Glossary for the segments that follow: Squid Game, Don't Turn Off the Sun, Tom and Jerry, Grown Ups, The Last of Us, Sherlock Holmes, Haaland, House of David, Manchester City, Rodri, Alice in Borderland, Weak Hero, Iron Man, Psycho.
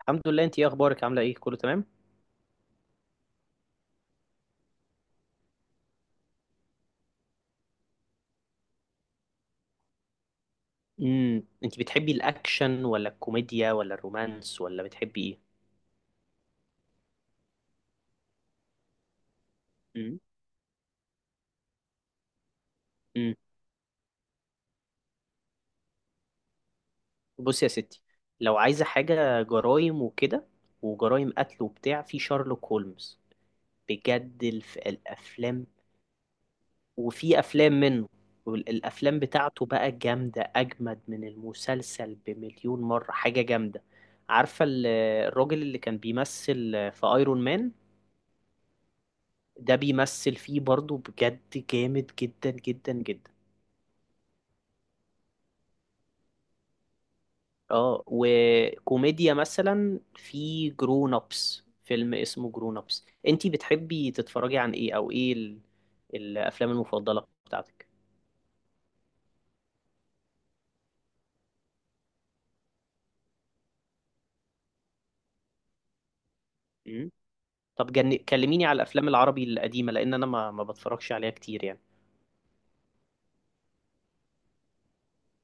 الحمد لله، انت ايه اخبارك؟ عامله ايه؟ كله تمام؟ انت بتحبي الاكشن ولا الكوميديا ولا الرومانس ولا بتحبي ايه؟ امم امم بصي يا ستي. لو عايزه حاجه جرايم وكده، وجرايم قتل وبتاع، في شارلوك هولمز بجد الافلام. وفي افلام منه، والافلام بتاعته بقى جامده، اجمد من المسلسل بمليون مره، حاجه جامده. عارفه ال- الراجل اللي كان بيمثل في ايرون مان، ده بيمثل فيه برضو، بجد جامد جدا جدا جدا. اه وكوميديا مثلا، في جرون ابس، فيلم اسمه جرون ابس. انتي بتحبي تتفرجي عن ايه، او الافلام المفضلة بتاعتك؟ مم. طب كلميني على الافلام العربي القديمة، لان انا ما بتفرجش عليها كتير يعني.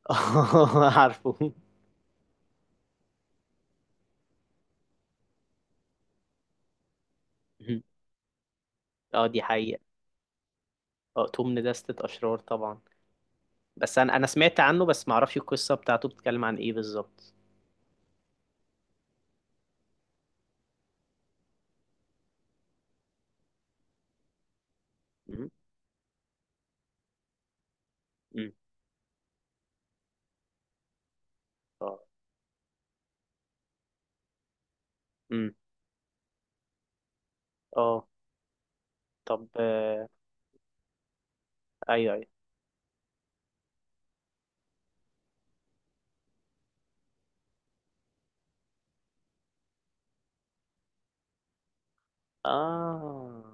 عارفه. مم. اه دي حقيقة، اه توم ندستة اشرار طبعا. بس انا سمعت عنه، بس ما اعرفش القصة بتاعته بتتكلم عن ايه بالظبط. مم. مم. اه. مم. اه. طب ايوه ايوه. اه.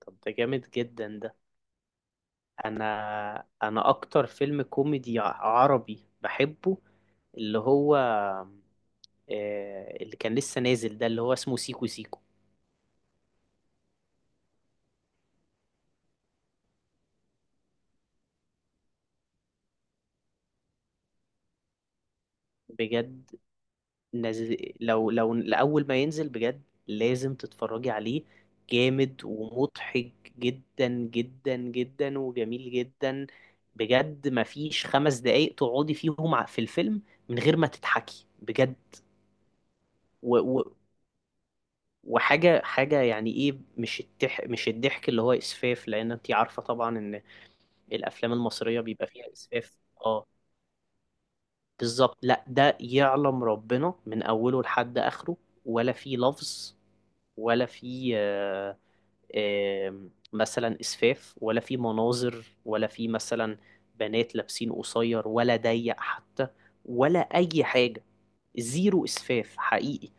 طب ده جامد جدا ده. انا انا اكتر فيلم كوميدي عربي بحبه، اللي هو اللي كان لسه نازل، ده اللي هو اسمه سيكو سيكو بجد. نز... لو لأول ما ينزل بجد لازم تتفرجي عليه. جامد ومضحك جدا جدا جدا، وجميل جدا بجد. مفيش خمس دقايق تقعدي فيهم في الفيلم من غير ما تضحكي بجد. و... و... وحاجة يعني ايه، مش مش الضحك اللي هو إسفاف، لأن انتي عارفة طبعا إن الأفلام المصرية بيبقى فيها إسفاف. اه بالظبط. لا ده يعلم ربنا من أوله لحد آخره، ولا فيه لفظ، ولا في مثلا اسفاف، ولا في مناظر، ولا في مثلا بنات لابسين قصير ولا ضيق حتى، ولا اي حاجه. زيرو اسفاف حقيقي.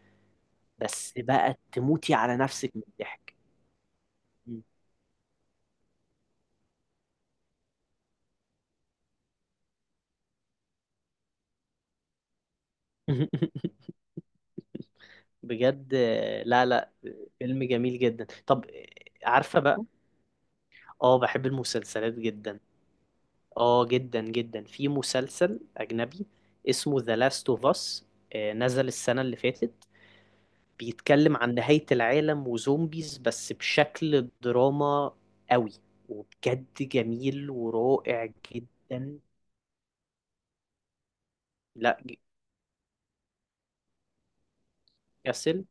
بس بقى تموتي على نفسك من الضحك. مم. بجد لا لا، فيلم جميل جدا. طب عارفه بقى، اه بحب المسلسلات جدا، اه جدا جدا. في مسلسل اجنبي اسمه ذا لاست اوف اس، نزل السنه اللي فاتت، بيتكلم عن نهاية العالم وزومبيز بس بشكل دراما قوي، وبجد جميل ورائع جدا. لا ج- ياسل.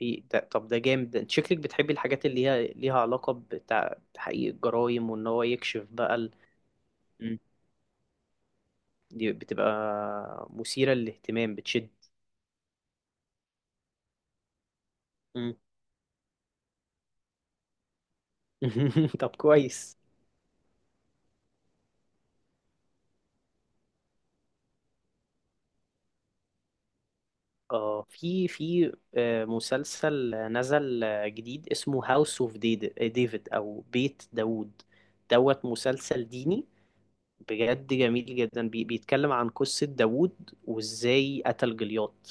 طب ده جامد ده. انت شكلك بتحبي الحاجات اللي هي ليها علاقة بتحقيق الجرائم، وان هو يكشف بقى مم. دي بتبقى مثيرة للاهتمام، بتشد. مم. طب كويس. اه في مسلسل نزل جديد اسمه هاوس اوف ديفيد او بيت داوود دوت، مسلسل ديني، بجد جميل جدا. بيتكلم عن قصة داوود وازاي قتل جليات،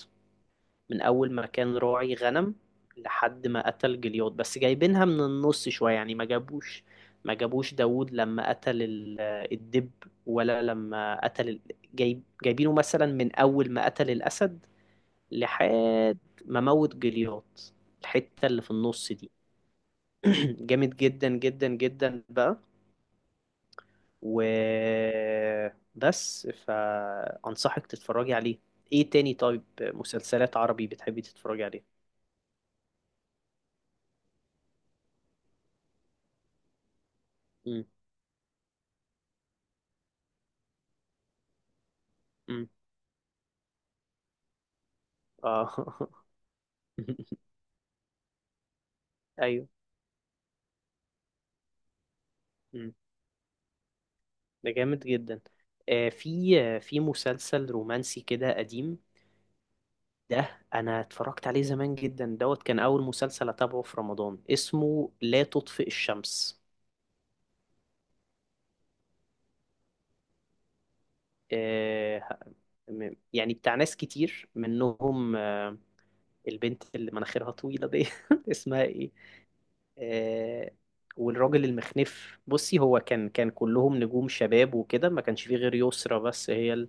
من اول ما كان راعي غنم لحد ما قتل جليات. بس جايبينها من النص شوية يعني، ما جابوش داوود لما قتل الدب، ولا لما قتل جايبينه مثلا من اول ما قتل الاسد لحد ما موت جليات، الحتة اللي في النص دي. جامد جدا جدا جدا بقى. و بس فأنصحك تتفرجي عليه. ايه تاني؟ طيب مسلسلات عربي بتحبي تتفرجي عليها؟ امم امم اه. ايوه. امم ده جامد جدا. آه في في مسلسل رومانسي كده قديم، ده انا اتفرجت عليه زمان جدا دوت. كان اول مسلسل اتابعه في رمضان، اسمه لا تطفئ الشمس. آه، يعني بتاع ناس كتير منهم البنت اللي مناخيرها طويلة دي، اسمها ايه. آه، والراجل المخنف. بصي هو كان كلهم نجوم شباب وكده، ما كانش فيه غير يسرا، بس هي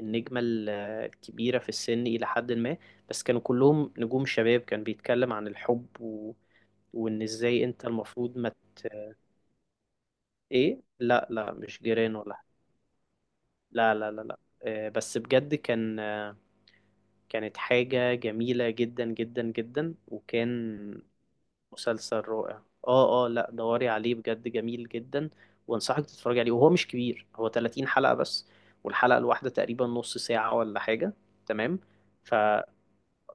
النجمة الكبيرة في السن إلى حد ما، بس كانوا كلهم نجوم شباب. كان بيتكلم عن الحب وإن إزاي أنت المفروض ما ت- إيه. لا لا، مش جيران ولا. لا لا لا لا، بس بجد كان كانت حاجة جميلة جدا جدا جدا، وكان مسلسل رائع. اه اه لا دوري عليه بجد جميل جدا، وانصحك تتفرج عليه. وهو مش كبير، هو 30 حلقة بس، والحلقة الواحدة تقريبا نص ساعة ولا حاجة. تمام. فا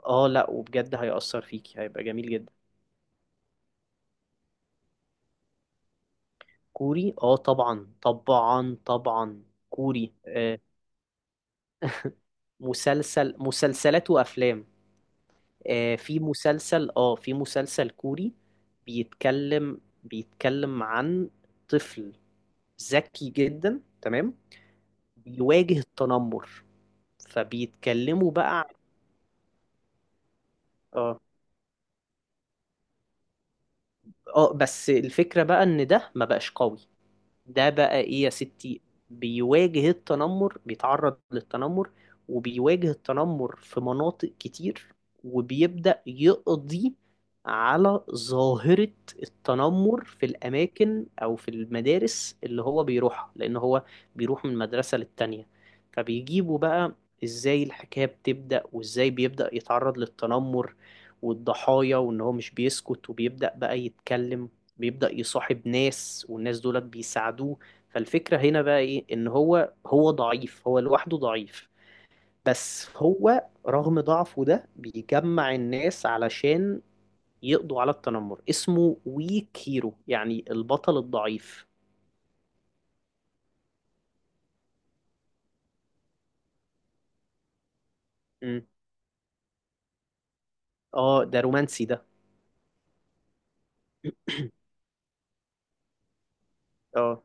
اه لا، وبجد هيأثر فيكي، هيبقى جميل جدا. كوري اه طبعا طبعا طبعا. كوري آه، مسلسل، مسلسلات وافلام. في مسلسل، اه في مسلسل كوري، بيتكلم عن طفل ذكي جدا، تمام، بيواجه التنمر. فبيتكلموا بقى اه. اه بس الفكرة بقى ان ده ما بقاش قوي، ده بقى ايه يا ستي. بيواجه التنمر، بيتعرض للتنمر وبيواجه التنمر في مناطق كتير، وبيبدأ يقضي على ظاهرة التنمر في الأماكن أو في المدارس اللي هو بيروحها، لأن هو بيروح من مدرسة للتانية. فبيجيبوا بقى إزاي الحكاية بتبدأ، وإزاي بيبدأ يتعرض للتنمر والضحايا، وإن هو مش بيسكت وبيبدأ بقى يتكلم، بيبدأ يصاحب ناس، والناس دولت بيساعدوه. فالفكرة هنا بقى ايه، ان هو ضعيف، هو لوحده ضعيف، بس هو رغم ضعفه ده بيجمع الناس علشان يقضوا على التنمر. اسمه ويك هيرو، يعني البطل الضعيف. مم. اه ده رومانسي ده. اه.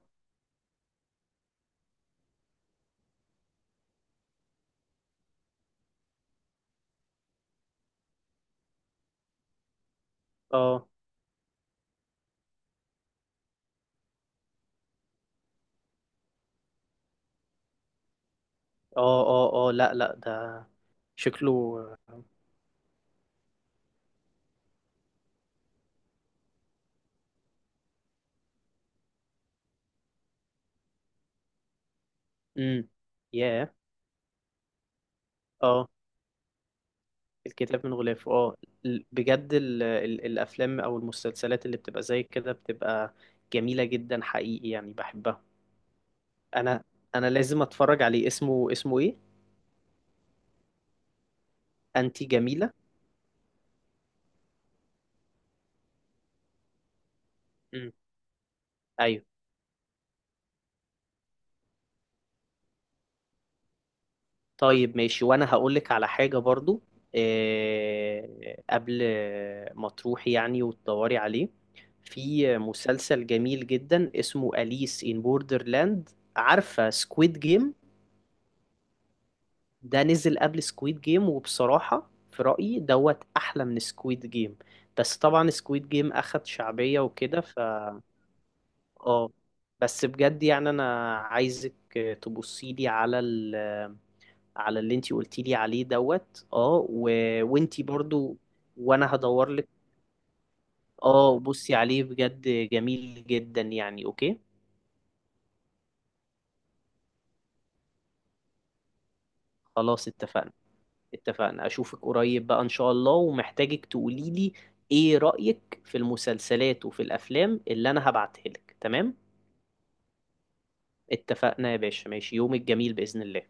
اه. اه. اه. اه. لا لا ده شكله. امم ياه. اه. الكتاب من غلافه، اه. بجد ال الافلام او المسلسلات اللي بتبقى زي كده بتبقى جميله جدا حقيقي، يعني بحبها. انا انا لازم اتفرج عليه، اسمه ايه؟ انتي جميله. امم ايوه. طيب ماشي، وانا هقول لك على حاجه برضو. إيه؟ قبل ما تروحي يعني وتدوري عليه، في مسلسل جميل جدا اسمه أليس ان بوردرلاند. عارفه سكويد جيم؟ ده نزل قبل سكويد جيم، وبصراحة في رأيي دوت أحلى من سكويد جيم. بس طبعا سكويد جيم أخد شعبية وكده، ف اه. بس بجد يعني أنا عايزك تبصيلي على على اللي انتي قلتيلي عليه دوت اه وانتي برضو، وانا هدورلك. اه بصي عليه بجد جميل جدا يعني، اوكي. خلاص اتفقنا. اتفقنا. اشوفك قريب بقى ان شاء الله، ومحتاجك تقولي لي ايه رأيك في المسلسلات وفي الافلام اللي انا هبعتها لك. تمام. اتفقنا يا باشا. ماشي، يومك جميل بإذن الله.